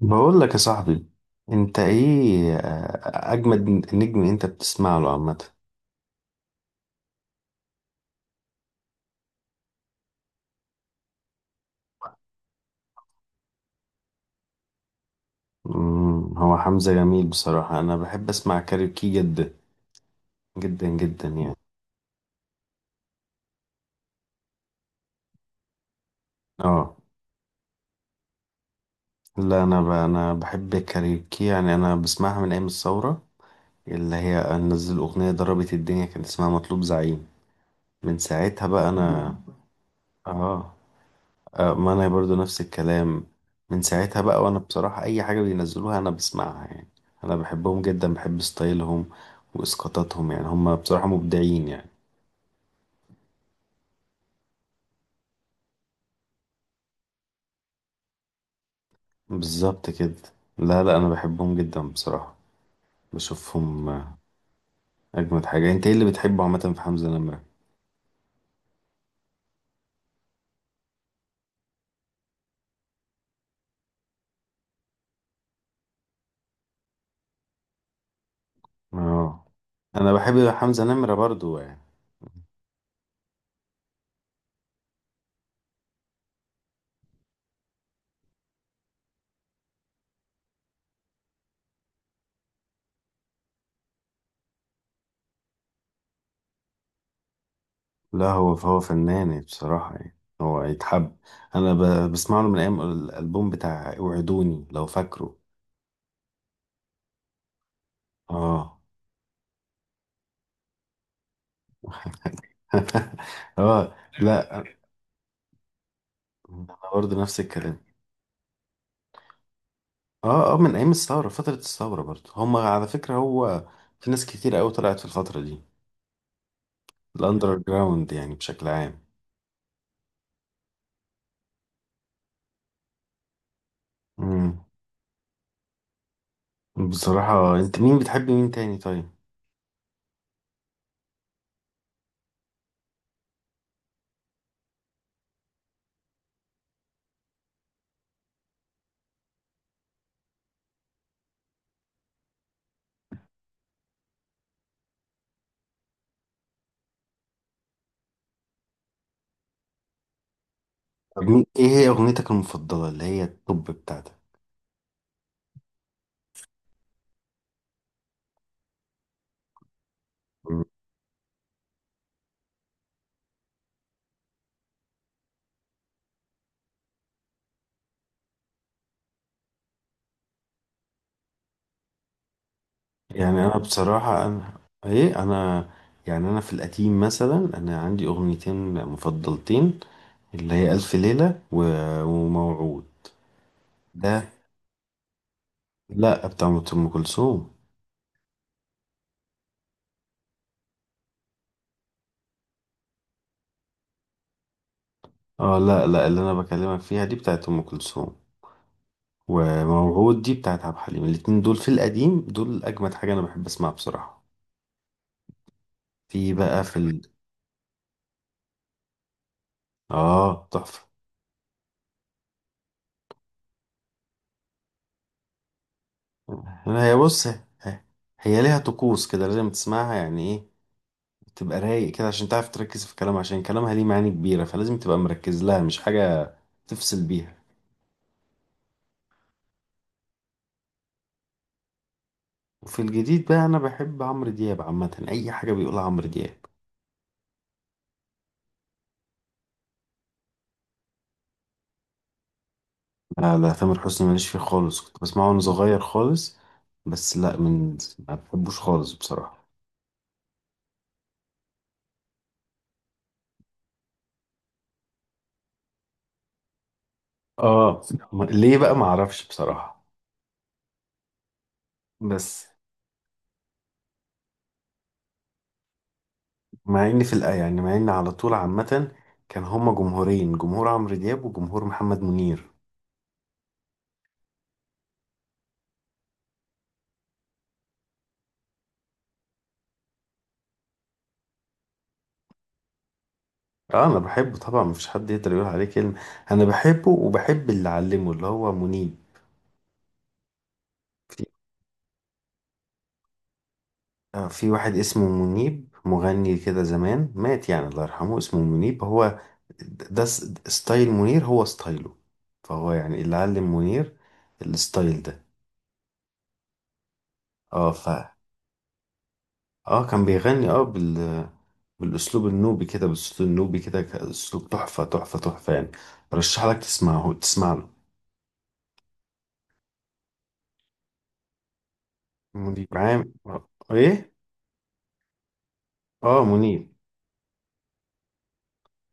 بقول لك يا صاحبي، انت ايه اجمد نجم انت بتسمع له عامه؟ هو حمزة جميل بصراحه. انا بحب اسمع كاريوكي جدا جدا جدا يعني. اه. لا انا انا بحب الكاريوكي يعني. انا بسمعها من ايام الثوره، اللي هي نزل اغنيه ضربت الدنيا كان اسمها مطلوب زعيم. من ساعتها بقى انا. اه. ما انا برضو نفس الكلام. من ساعتها بقى وانا بصراحة اي حاجة بينزلوها انا بسمعها يعني. انا بحبهم جدا، بحب ستايلهم واسقاطاتهم يعني. هم بصراحة مبدعين يعني. بالظبط كده. لا لا انا بحبهم جدا بصراحة. بشوفهم آه. اجمد حاجة، انت ايه اللي بتحبه عامة في حمزة نمرة؟ اه انا بحب حمزة نمرة برضو يعني. لا هو هو فنان يعني، بصراحة يعني هو يتحب. انا بسمع له من ايام الالبوم بتاع اوعدوني، لو فاكره. اه. اه. لا انا برضه نفس الكلام. اه اه، من ايام الثوره، فتره الثوره برضه هما على فكره هو. في ناس كتير قوي طلعت في الفتره دي، الاندر جراوند يعني بشكل عام. امم. بصراحه انت مين بتحب مين تاني طيب؟ طب مين، ايه هي اغنيتك المفضله اللي هي التوب بتاعتك؟ مم. يعني انا بصراحه انا، انا يعني. انا في القديم مثلا انا عندي اغنيتين مفضلتين، اللي هي الف ليله وموعود. ده. لا بتاعت ام كلثوم. اه لا لا اللي انا بكلمك فيها دي بتاعت ام كلثوم، وموعود دي بتاعت عبد الحليم. الاتنين دول في القديم دول اجمد حاجه انا بحب اسمعها بصراحه. في بقى في اه تحفه. انا هي بص، هي هي ليها طقوس كده لازم تسمعها يعني. ايه، تبقى رايق كده عشان تعرف تركز في كلامها، عشان كلامها ليه معاني كبيره، فلازم تبقى مركز لها مش حاجه تفصل بيها. وفي الجديد بقى انا بحب عمرو دياب عامه، اي حاجه بيقولها عمرو دياب. لا لا تامر حسني ماليش فيه خالص، كنت بسمعه وانا صغير خالص، بس لا من، ما بحبوش خالص بصراحة. اه. ليه بقى ما اعرفش بصراحة. بس مع ان في الآية يعني، مع ان على طول عامة كان هما جمهورين، جمهور عمرو دياب وجمهور محمد منير. اه انا بحبه طبعا، مفيش حد يقدر يقول عليه كلمة. انا بحبه وبحب اللي علمه اللي هو منيب. في في واحد اسمه منيب، مغني كده زمان، مات يعني الله يرحمه، اسمه منيب هو. ده ستايل منير هو ستايله، فهو يعني اللي علم منير الستايل ده. اه. اه كان بيغني بالاسلوب النوبي كده، بالصوت النوبي كده، اسلوب تحفه تحفه تحفه يعني. رشح لك تسمع له. منيب عام ايه. اه منيب.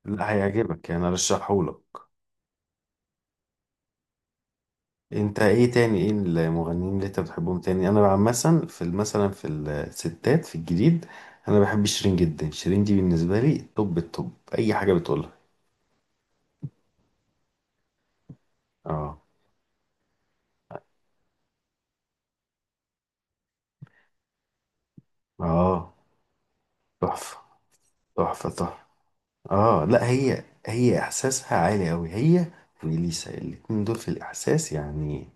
لا هيعجبك يعني، ارشحه لك. انت ايه تاني، ايه المغنيين اللي انت بتحبهم تاني؟ انا عامه في مثلا في الستات في الجديد، انا بحب شيرين جدا. شيرين دي بالنسبه لي توب التوب، اي حاجه بتقولها. اه. اه تحفه تحفه تحفه. اه لا هي هي احساسها عالي قوي هي واليسا، الاتنين دول في الاحساس يعني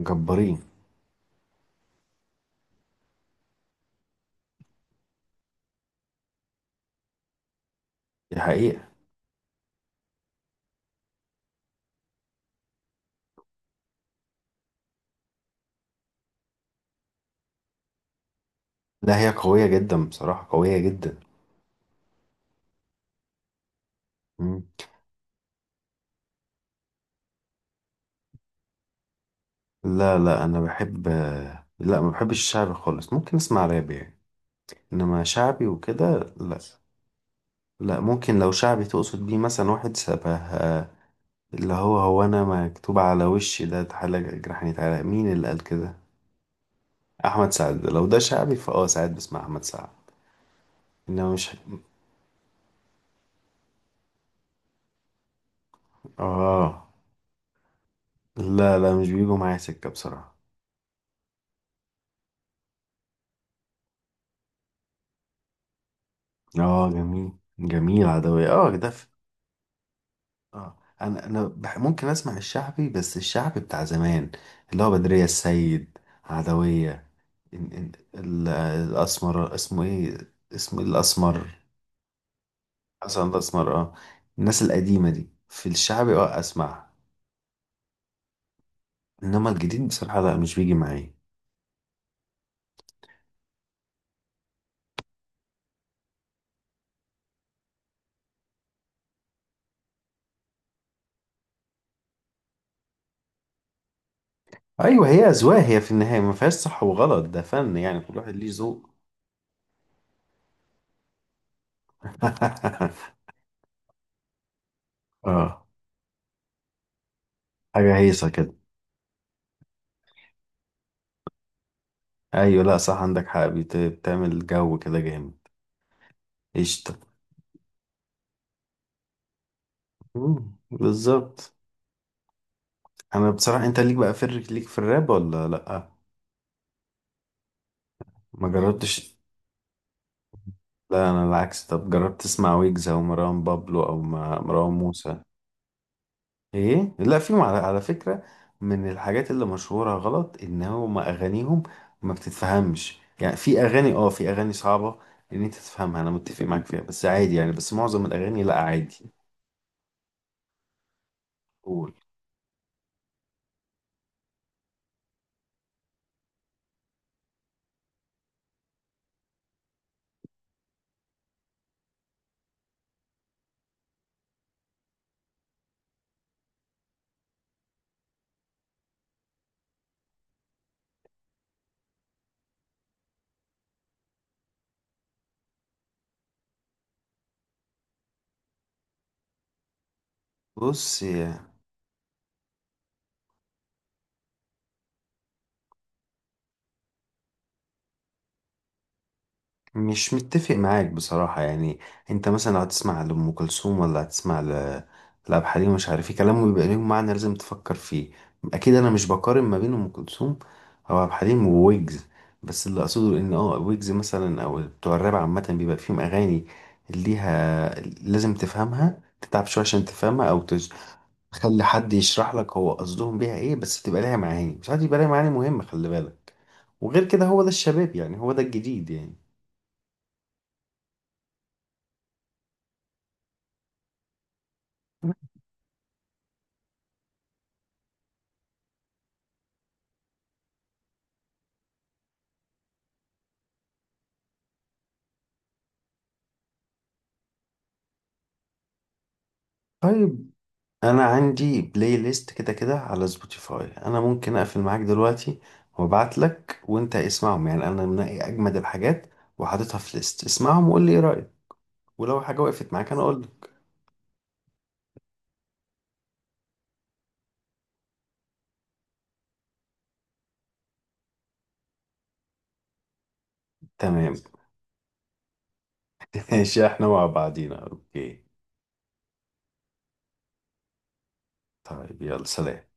جبارين. دي حقيقه. لا هي قويه جدا بصراحه، قويه جدا. مم. لا لا انا بحب، لا ما بحبش الشعر خالص، ممكن اسمع راب يعني، انما شعبي وكده لا. لا ممكن لو شعبي تقصد بيه مثلا واحد شبه اللي هو هو انا مكتوب على وشي ده، تعالى جرحني تعالى، مين اللي قال كده؟ احمد سعد. لو ده شعبي فاه، ساعات بسمع احمد سعد. انما مش، اه لا لا مش بيجوا معايا سكة بصراحة. اه جميل، جميل عدوية اه ده. اه انا ممكن اسمع الشعبي، بس الشعبي بتاع زمان، اللي هو بدرية السيد، عدوية، الاسمر اسمه ايه، اسمه الاسمر. حسن الاسمر اه. الناس القديمة دي في الشعبي اه اسمع، انما الجديد بصراحة لا مش بيجي معايا. ايوه، هي اذواق. هي في النهاية ما فيهاش صح وغلط، ده فن يعني، كل واحد ليه ذوق. اه حاجة هيصة كده. ايوه لا صح، عندك حق. بتعمل جو كده جامد. قشطة. بالظبط. انا بصراحه، انت ليك بقى في ليك في الراب ولا لا؟ ما مم. جربتش؟ لا انا العكس. طب جربت تسمع ويجز او مروان بابلو او مروان موسى؟ ايه لا فيهم على، على فكره من الحاجات اللي مشهوره غلط ان هم اغانيهم ما بتتفهمش. يعني في اغاني، اه في اغاني صعبه ان انت تفهمها، انا متفق معاك فيها، بس عادي يعني، بس معظم الاغاني لا عادي. قول. بص مش متفق معاك بصراحة يعني. انت مثلا لو هتسمع لأم كلثوم ولا هتسمع لعبد الحليم، مش عارف ايه، كلامه بيبقى ليهم معنى لازم تفكر فيه. اكيد انا مش بقارن ما بين أم كلثوم او عبد الحليم وويجز، بس اللي اقصده ان اه ويجز مثلا او بتوع الراب عامة بيبقى فيهم اغاني ليها، لازم تفهمها، تتعب شوية عشان تفهمها، او تخلي حد يشرح لك هو قصدهم بيها ايه، بس تبقى ليها معاني، ساعات يبقى ليها معاني مهمة خلي بالك. وغير كده هو ده الشباب يعني، هو ده الجديد يعني. طيب، انا عندي بلاي ليست كده كده على سبوتيفاي، انا ممكن اقفل معاك دلوقتي وابعت لك وانت اسمعهم. يعني انا منقي اجمد الحاجات وحاططها في ليست، اسمعهم وقول لي ايه رايك، ولو حاجه وقفت معاك انا اقول لك. تمام. ماشي احنا مع بعضينا، اوكي. طيب يلا سلام.